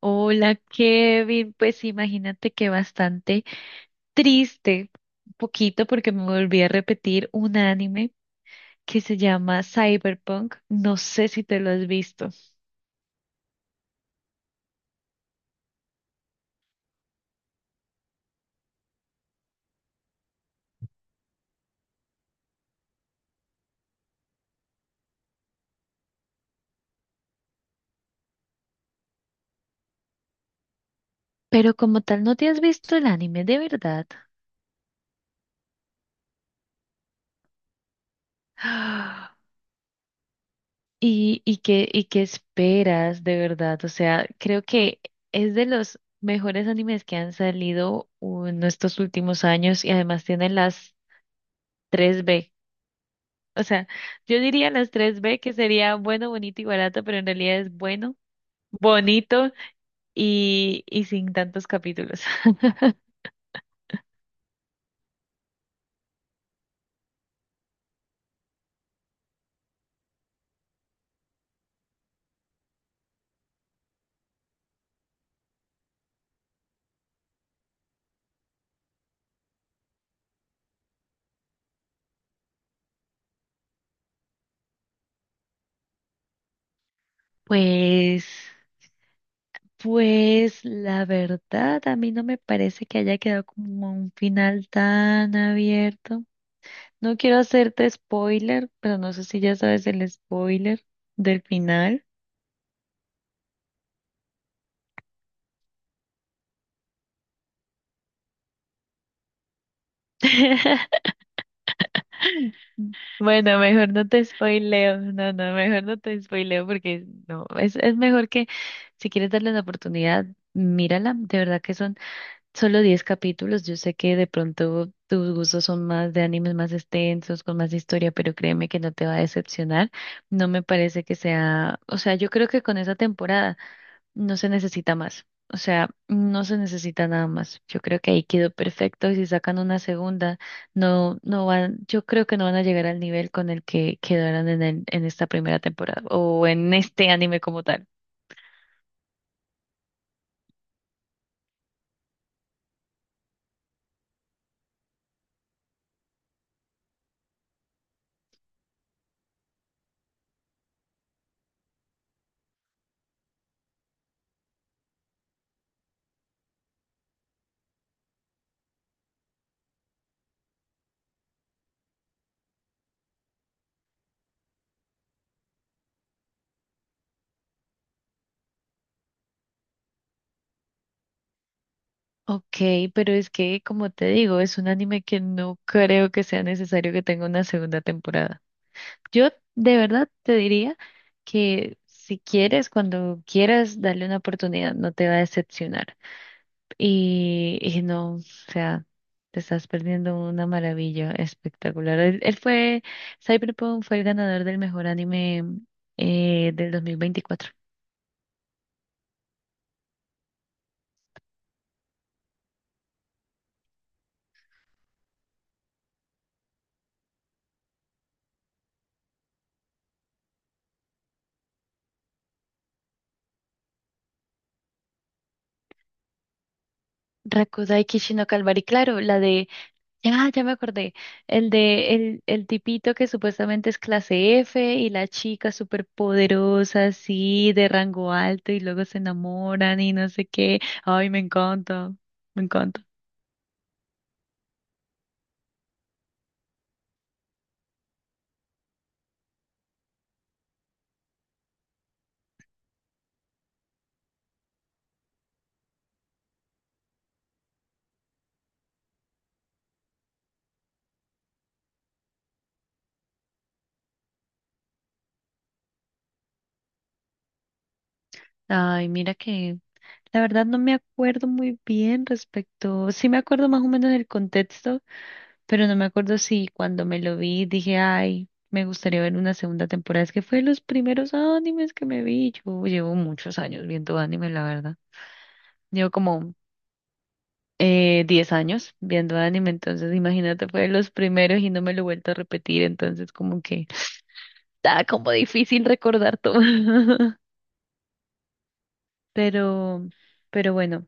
Hola Kevin, pues imagínate que bastante triste, un poquito porque me volví a repetir un anime que se llama Cyberpunk, no sé si te lo has visto, pero como tal no te has visto el anime de verdad. Ah, y qué esperas de verdad? O sea, creo que es de los mejores animes que han salido en estos últimos años y además tiene las 3B. O sea, yo diría las tres B, que sería bueno, bonito y barato, pero en realidad es bueno, bonito y sin tantos capítulos. Pues, pues la verdad, a mí no me parece que haya quedado como un final tan abierto. No quiero hacerte spoiler, pero no sé si ya sabes el spoiler del final. Bueno, mejor no te spoileo. No, no, mejor no te spoileo porque no, es mejor que si quieres darle la oportunidad, mírala. De verdad que son solo 10 capítulos. Yo sé que de pronto tus gustos son más de animes más extensos, con más historia, pero créeme que no te va a decepcionar. No me parece que sea, o sea, yo creo que con esa temporada. No se necesita más. O sea, no se necesita nada más. Yo creo que ahí quedó perfecto. Y si sacan una segunda, no, no van, yo creo que no van a llegar al nivel con el que quedaron en en esta primera temporada o en este anime como tal. Ok, pero es que, como te digo, es un anime que no creo que sea necesario que tenga una segunda temporada. Yo de verdad te diría que si quieres, cuando quieras, darle una oportunidad, no te va a decepcionar. Y no, o sea, te estás perdiendo una maravilla espectacular. Cyberpunk fue el ganador del mejor anime del 2024. Rakudai Kishino Calvary, claro, la de, ya me acordé, el de el tipito que supuestamente es clase F y la chica súper poderosa, así, de rango alto y luego se enamoran y no sé qué. Ay, me encanta, me encanta. Ay, mira que la verdad no me acuerdo muy bien respecto, sí me acuerdo más o menos del contexto, pero no me acuerdo si cuando me lo vi dije, ay, me gustaría ver una segunda temporada. Es que fue de los primeros animes que me vi. Yo llevo muchos años viendo anime, la verdad. Llevo como 10 años viendo anime, entonces imagínate, fue de los primeros y no me lo he vuelto a repetir, entonces como que está como difícil recordar todo. Pero, pero bueno,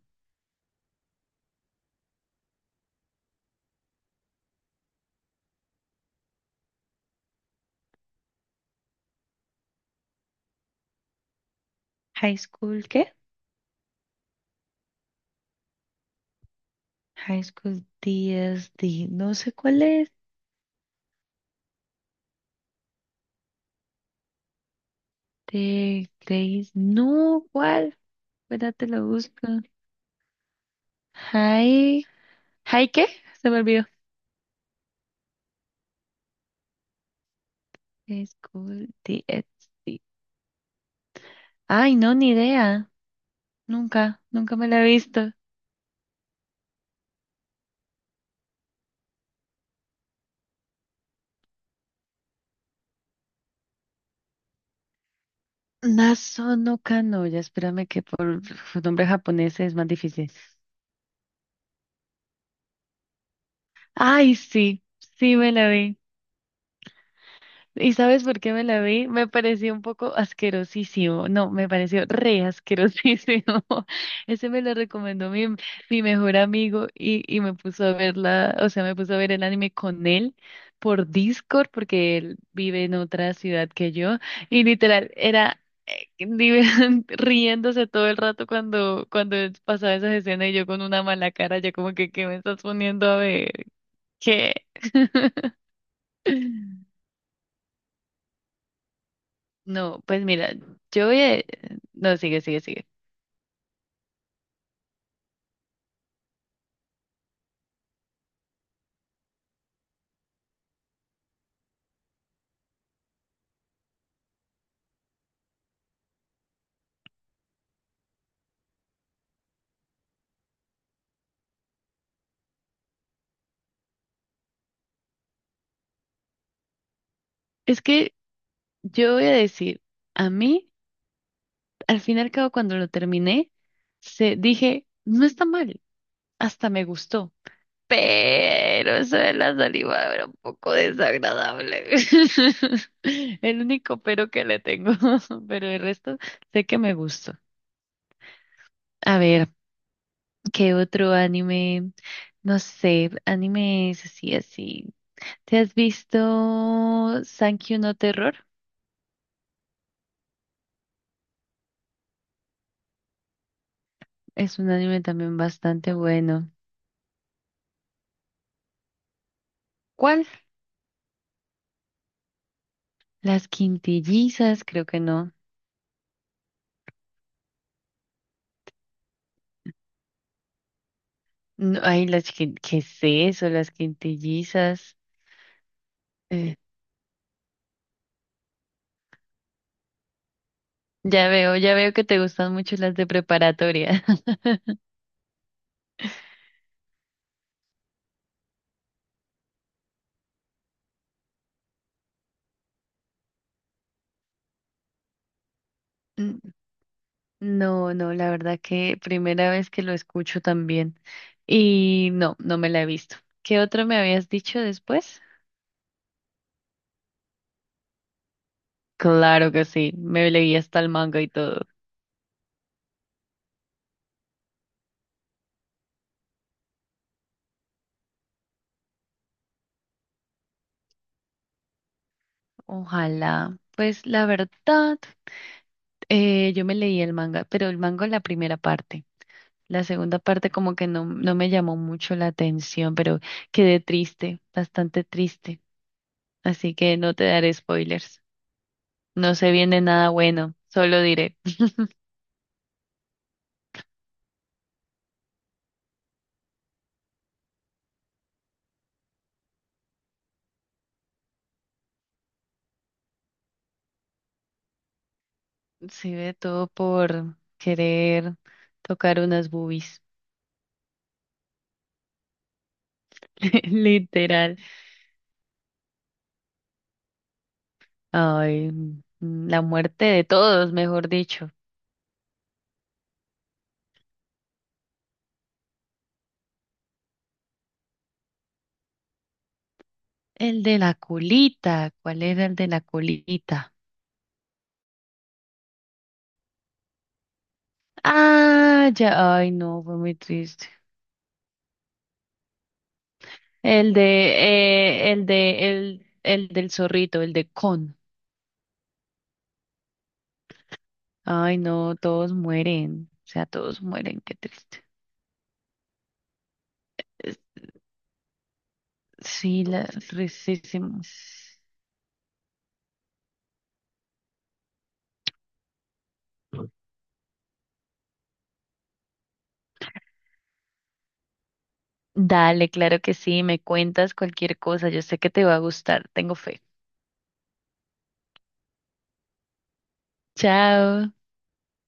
High School, ¿qué? High School D, S D. No sé cuál es. De Grace. No, ¿cuál? Espera, te lo busco. High. ¿High qué? Se me olvidó. High School D. S D. Ay, no, ni idea. Nunca, nunca me la he visto. Naso no Kanoya. Espérame que por uf, nombre japonés es más difícil. Ay, sí, sí me la vi. ¿Y sabes por qué me la vi? Me pareció un poco asquerosísimo. No, me pareció re asquerosísimo. Ese me lo recomendó mi mejor amigo y me puso a verla, o sea, me puso a ver el anime con él por Discord porque él vive en otra ciudad que yo y literal era riéndose todo el rato cuando pasaba esas escenas y yo con una mala cara, ya como que, ¿qué me estás poniendo a ver? ¿Qué? No, pues mira, yo voy a... No, sigue, sigue, sigue. Es que yo voy a decir, a mí, al fin y al cabo, cuando lo terminé, se, dije, no está mal, hasta me gustó, pero eso de la saliva era un poco desagradable. El único pero que le tengo, pero el resto sé que me gustó. A ver, ¿qué otro anime? No sé, animes así, así. ¿Te has visto Sankyu no Terror? Es un anime también bastante bueno. ¿Cuál? Las quintillizas, creo que no. No, ay, las que, ¿qué es eso? Las quintillizas. Eh, ya veo que te gustan mucho las de preparatoria. N- No, no, la verdad que primera vez que lo escucho también. Y no, no me la he visto. ¿Qué otro me habías dicho después? Claro que sí, me leí hasta el manga y todo. Ojalá. Pues la verdad, yo me leí el manga, pero el manga la primera parte. La segunda parte como que no, no me llamó mucho la atención, pero quedé triste, bastante triste. Así que no te daré spoilers. No se viene nada bueno, solo diré. Se ve todo por querer tocar unas boobies, literal. Ay, mm, la muerte de todos, mejor dicho. El de la colita, ¿cuál era el de la colita? Ah, ya, ay no, fue muy triste. El del zorrito, el de Con. Ay, no, todos mueren. O sea, todos mueren, qué triste. Es- Sí, la, tristísimo. Dale, claro que sí, me cuentas cualquier cosa. Yo sé que te va a gustar, tengo fe. Chao.